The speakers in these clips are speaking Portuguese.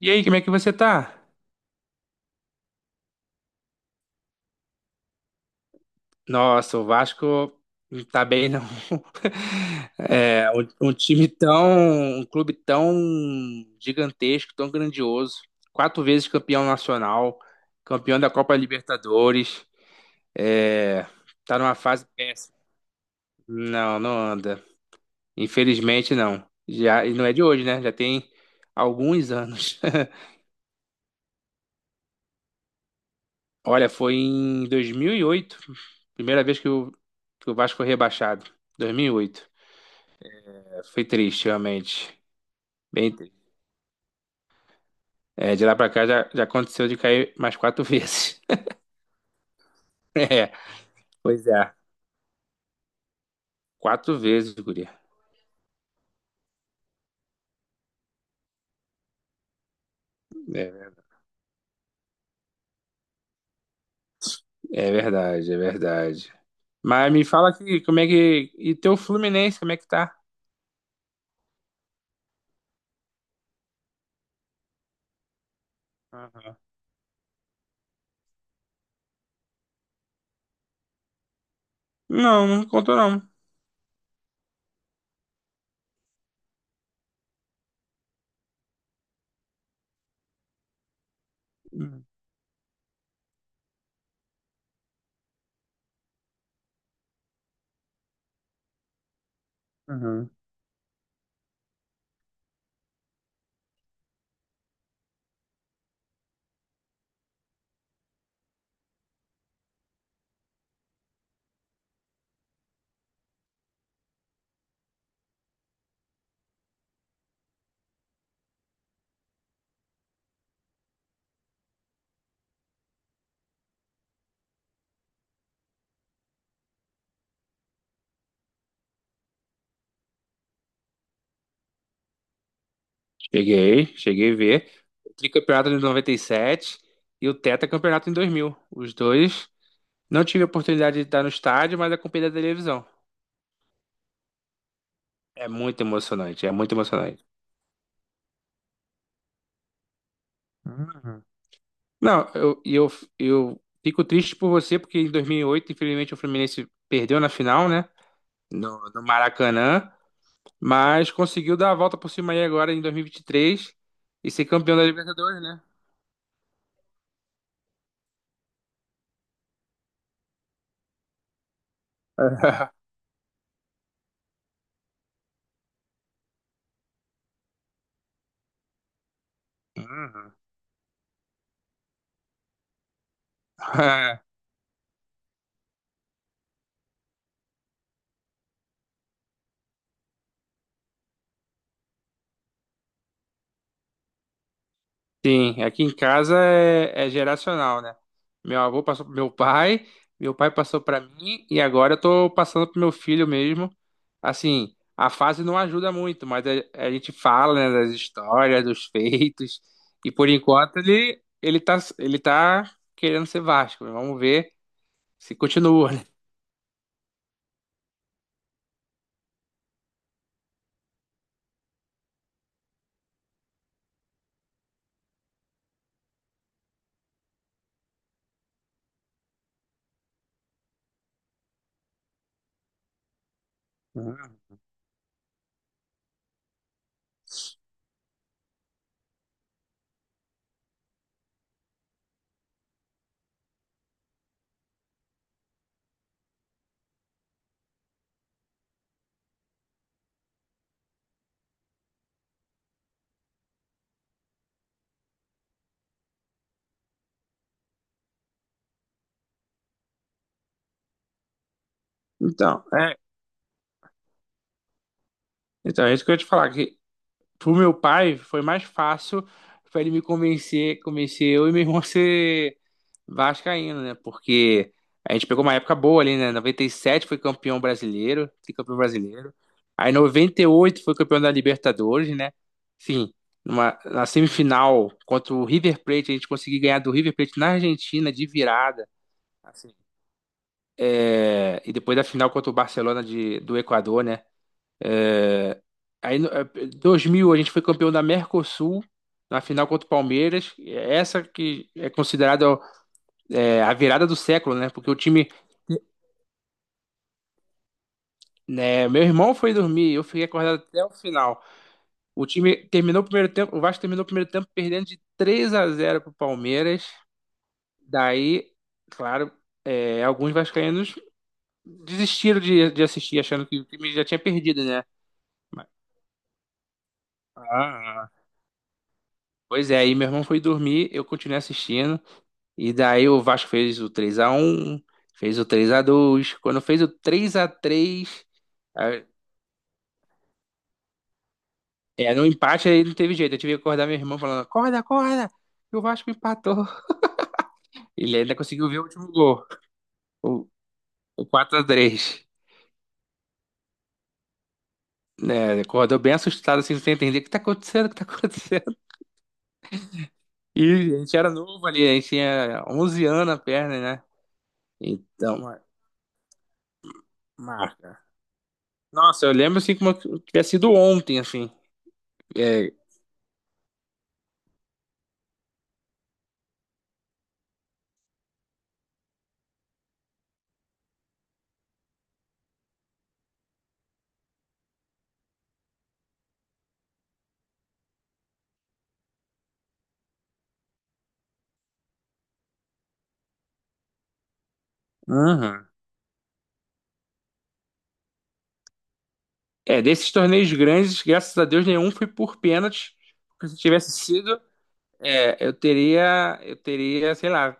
E aí, como é que você tá? Nossa, o Vasco não tá bem, não. É, um time tão, um clube tão gigantesco, tão grandioso. Quatro vezes campeão nacional, campeão da Copa Libertadores. É, tá numa fase péssima. Não, não anda. Infelizmente, não. Já, e não é de hoje, né? Já tem alguns anos. Olha, foi em 2008, primeira vez que o Vasco foi rebaixado. 2008. Foi triste, realmente. Bem triste. É, de lá pra cá já aconteceu de cair mais quatro vezes. É, pois é. Quatro vezes, guria. É, é verdade, é verdade. Mas me fala aqui, como é que. E teu Fluminense, como é que tá? Aham. Não, não contou não. Uhum. Uhum. Cheguei, cheguei a ver. O tricampeonato de 97 e sete e o tetracampeonato em 2000. Os dois. Não tive a oportunidade de estar no estádio, mas acompanhei da televisão. É muito emocionante, é muito emocionante. Não, eu fico triste por você, porque em 2008, infelizmente, o Fluminense perdeu na final, né? No Maracanã, mas conseguiu dar a volta por cima aí agora em 2023 e 23 e ser campeão da Libertadores, né? Uhum. Sim, aqui em casa é geracional, né? Meu avô passou pro meu pai passou pra mim e agora eu tô passando pro meu filho mesmo. Assim, a fase não ajuda muito, mas a gente fala, né, das histórias, dos feitos e por enquanto ele tá querendo ser Vasco. Vamos ver se continua, né? Uhum. Então, é, então é isso que eu ia te falar que pro meu pai foi mais fácil para ele me convencer, convencer eu e meu irmão a ser vascaíno, né? Porque a gente pegou uma época boa ali, né? 97 foi campeão brasileiro, tricampeão brasileiro. Aí 98 foi campeão da Libertadores, né? Enfim, na semifinal contra o River Plate, a gente conseguiu ganhar do River Plate na Argentina de virada, assim. É, e depois da final contra o Barcelona do Equador, né? É, aí, 2000, a gente foi campeão da Mercosul, na final contra o Palmeiras. Essa que é considerada a virada do século, né? Porque o time, né, meu irmão foi dormir, eu fiquei acordado até o final. O time terminou o primeiro tempo, o Vasco terminou o primeiro tempo perdendo de três a 0 pro Palmeiras. Daí, claro, alguns vascaínos desistiram de assistir, achando que o time já tinha perdido, né? Mas- ah, ah. ah. Pois é, aí meu irmão foi dormir, eu continuei assistindo. E daí o Vasco fez o 3-1, fez o 3-2. Quando fez o 3-3, a- no empate aí não teve jeito. Eu tive que acordar meu irmão falando: acorda, acorda, que o Vasco empatou. Ele ainda conseguiu ver o último gol, o, o 4x3. Né, acordou bem assustado, assim, sem entender o que tá acontecendo, o que tá acontecendo. E a gente era novo ali, a gente tinha 11 anos na perna, né? Então, marca. Nossa, eu lembro assim como tivesse sido ontem, assim. É, uhum. É, desses torneios grandes, graças a Deus, nenhum foi por pênalti. Porque se tivesse sido, eu teria, sei lá,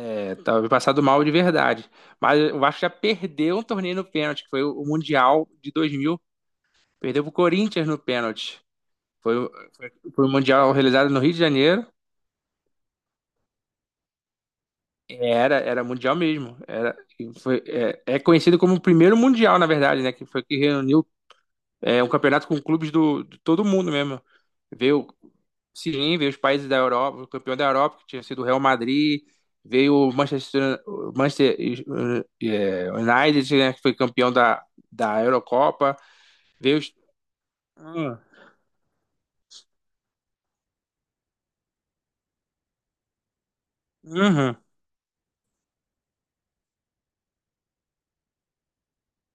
talvez passado mal de verdade. Mas o Vasco já perdeu um torneio no pênalti, que foi o Mundial de 2000. Perdeu pro Corinthians no pênalti. Foi, o- foi, foi o Mundial realizado no Rio de Janeiro. É, Era Mundial mesmo. Era, e foi, é conhecido como o primeiro Mundial, na verdade, né? Que foi que reuniu um campeonato com clubes de todo mundo mesmo. Veio Sim, veio os países da Europa, o campeão da Europa, que tinha sido o Real Madrid, veio o Manchester eh, United, né, que foi campeão da Eurocopa, veio os... Ah, uhum.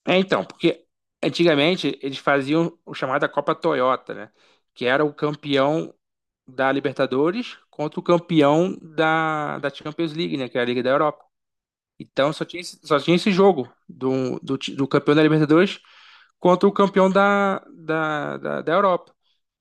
É, então, porque antigamente eles faziam o chamada Copa Toyota, né, que era o campeão da Libertadores contra o campeão da Champions League, né, que é a Liga da Europa. Então só tinha, só tinha esse jogo do campeão da Libertadores contra o campeão da Europa.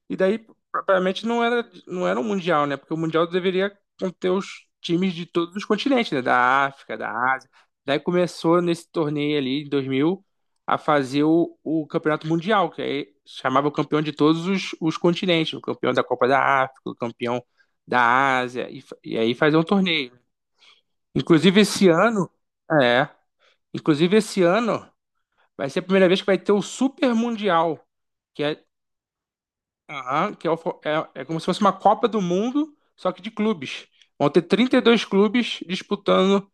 E daí, propriamente, não era um Mundial, né? Porque o Mundial deveria conter os times de todos os continentes, né? Da África, da Ásia. Daí começou nesse torneio ali, em 2000, a fazer o Campeonato Mundial, que aí chamava o campeão de todos os continentes, o campeão da Copa da África, o campeão da Ásia, e, e aí fazer um torneio. Inclusive, esse ano. É. Inclusive, esse ano vai ser a primeira vez que vai ter o Super Mundial, que é, aham, que é, é como se fosse uma Copa do Mundo, só que de clubes. Vão ter 32 clubes disputando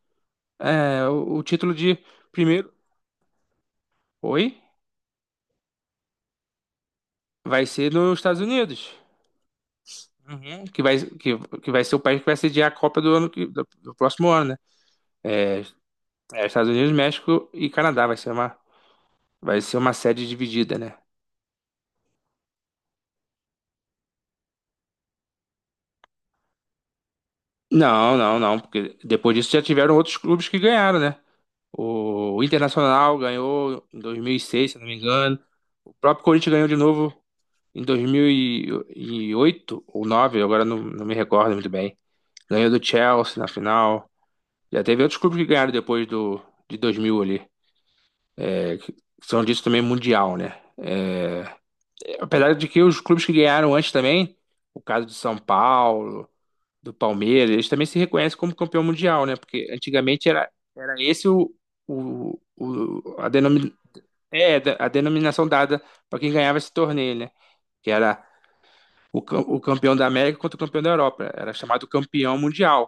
o título de primeiro. Oi? Vai ser nos Estados Unidos. Uhum. Que vai ser o país que vai sediar a Copa do ano do próximo ano, né? É, é Estados Unidos, México e Canadá. Vai ser uma sede dividida, né? Não, não, não, porque depois disso já tiveram outros clubes que ganharam, né? O Internacional ganhou em 2006, se não me engano. O próprio Corinthians ganhou de novo em 2008 ou 2009, agora não me recordo muito bem. Ganhou do Chelsea na final. Já teve outros clubes que ganharam depois de 2000 ali. É, que são disso também mundial, né? É, apesar de que os clubes que ganharam antes também, o caso de São Paulo, do Palmeiras, eles também se reconhecem como campeão mundial, né? Porque antigamente era esse o, o- a denom- a denominação dada para quem ganhava esse torneio, né? Que era o campeão da América contra o campeão da Europa. Era chamado campeão mundial,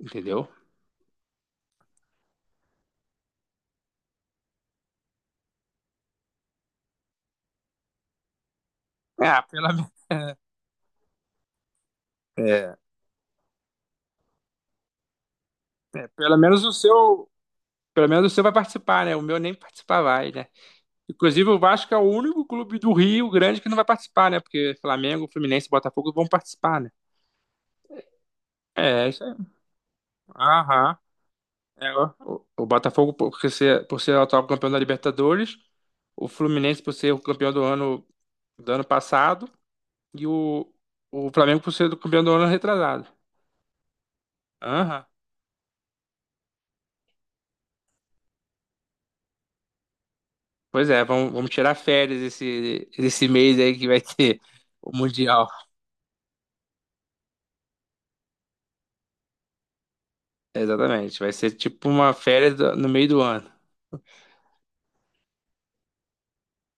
entendeu? É, É. é, pelo menos o seu, pelo menos o seu vai participar, né? O meu nem participar vai, né? Inclusive o Vasco é o único clube do Rio Grande que não vai participar, né? Porque Flamengo, Fluminense e Botafogo vão participar, né? É, é isso aí. Aham. É, ó. o Botafogo por ser o atual campeão da Libertadores, o Fluminense por ser o campeão do ano, do ano passado. E o Flamengo por ser do campeão do ano retrasado. Aham. Pois é, vamos tirar férias esse mês aí que vai ter o Mundial. Exatamente, vai ser tipo uma férias no meio do ano.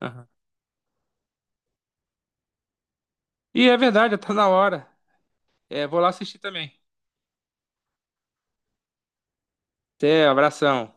Aham. E é verdade, tá na hora. É, vou lá assistir também. Até, abração.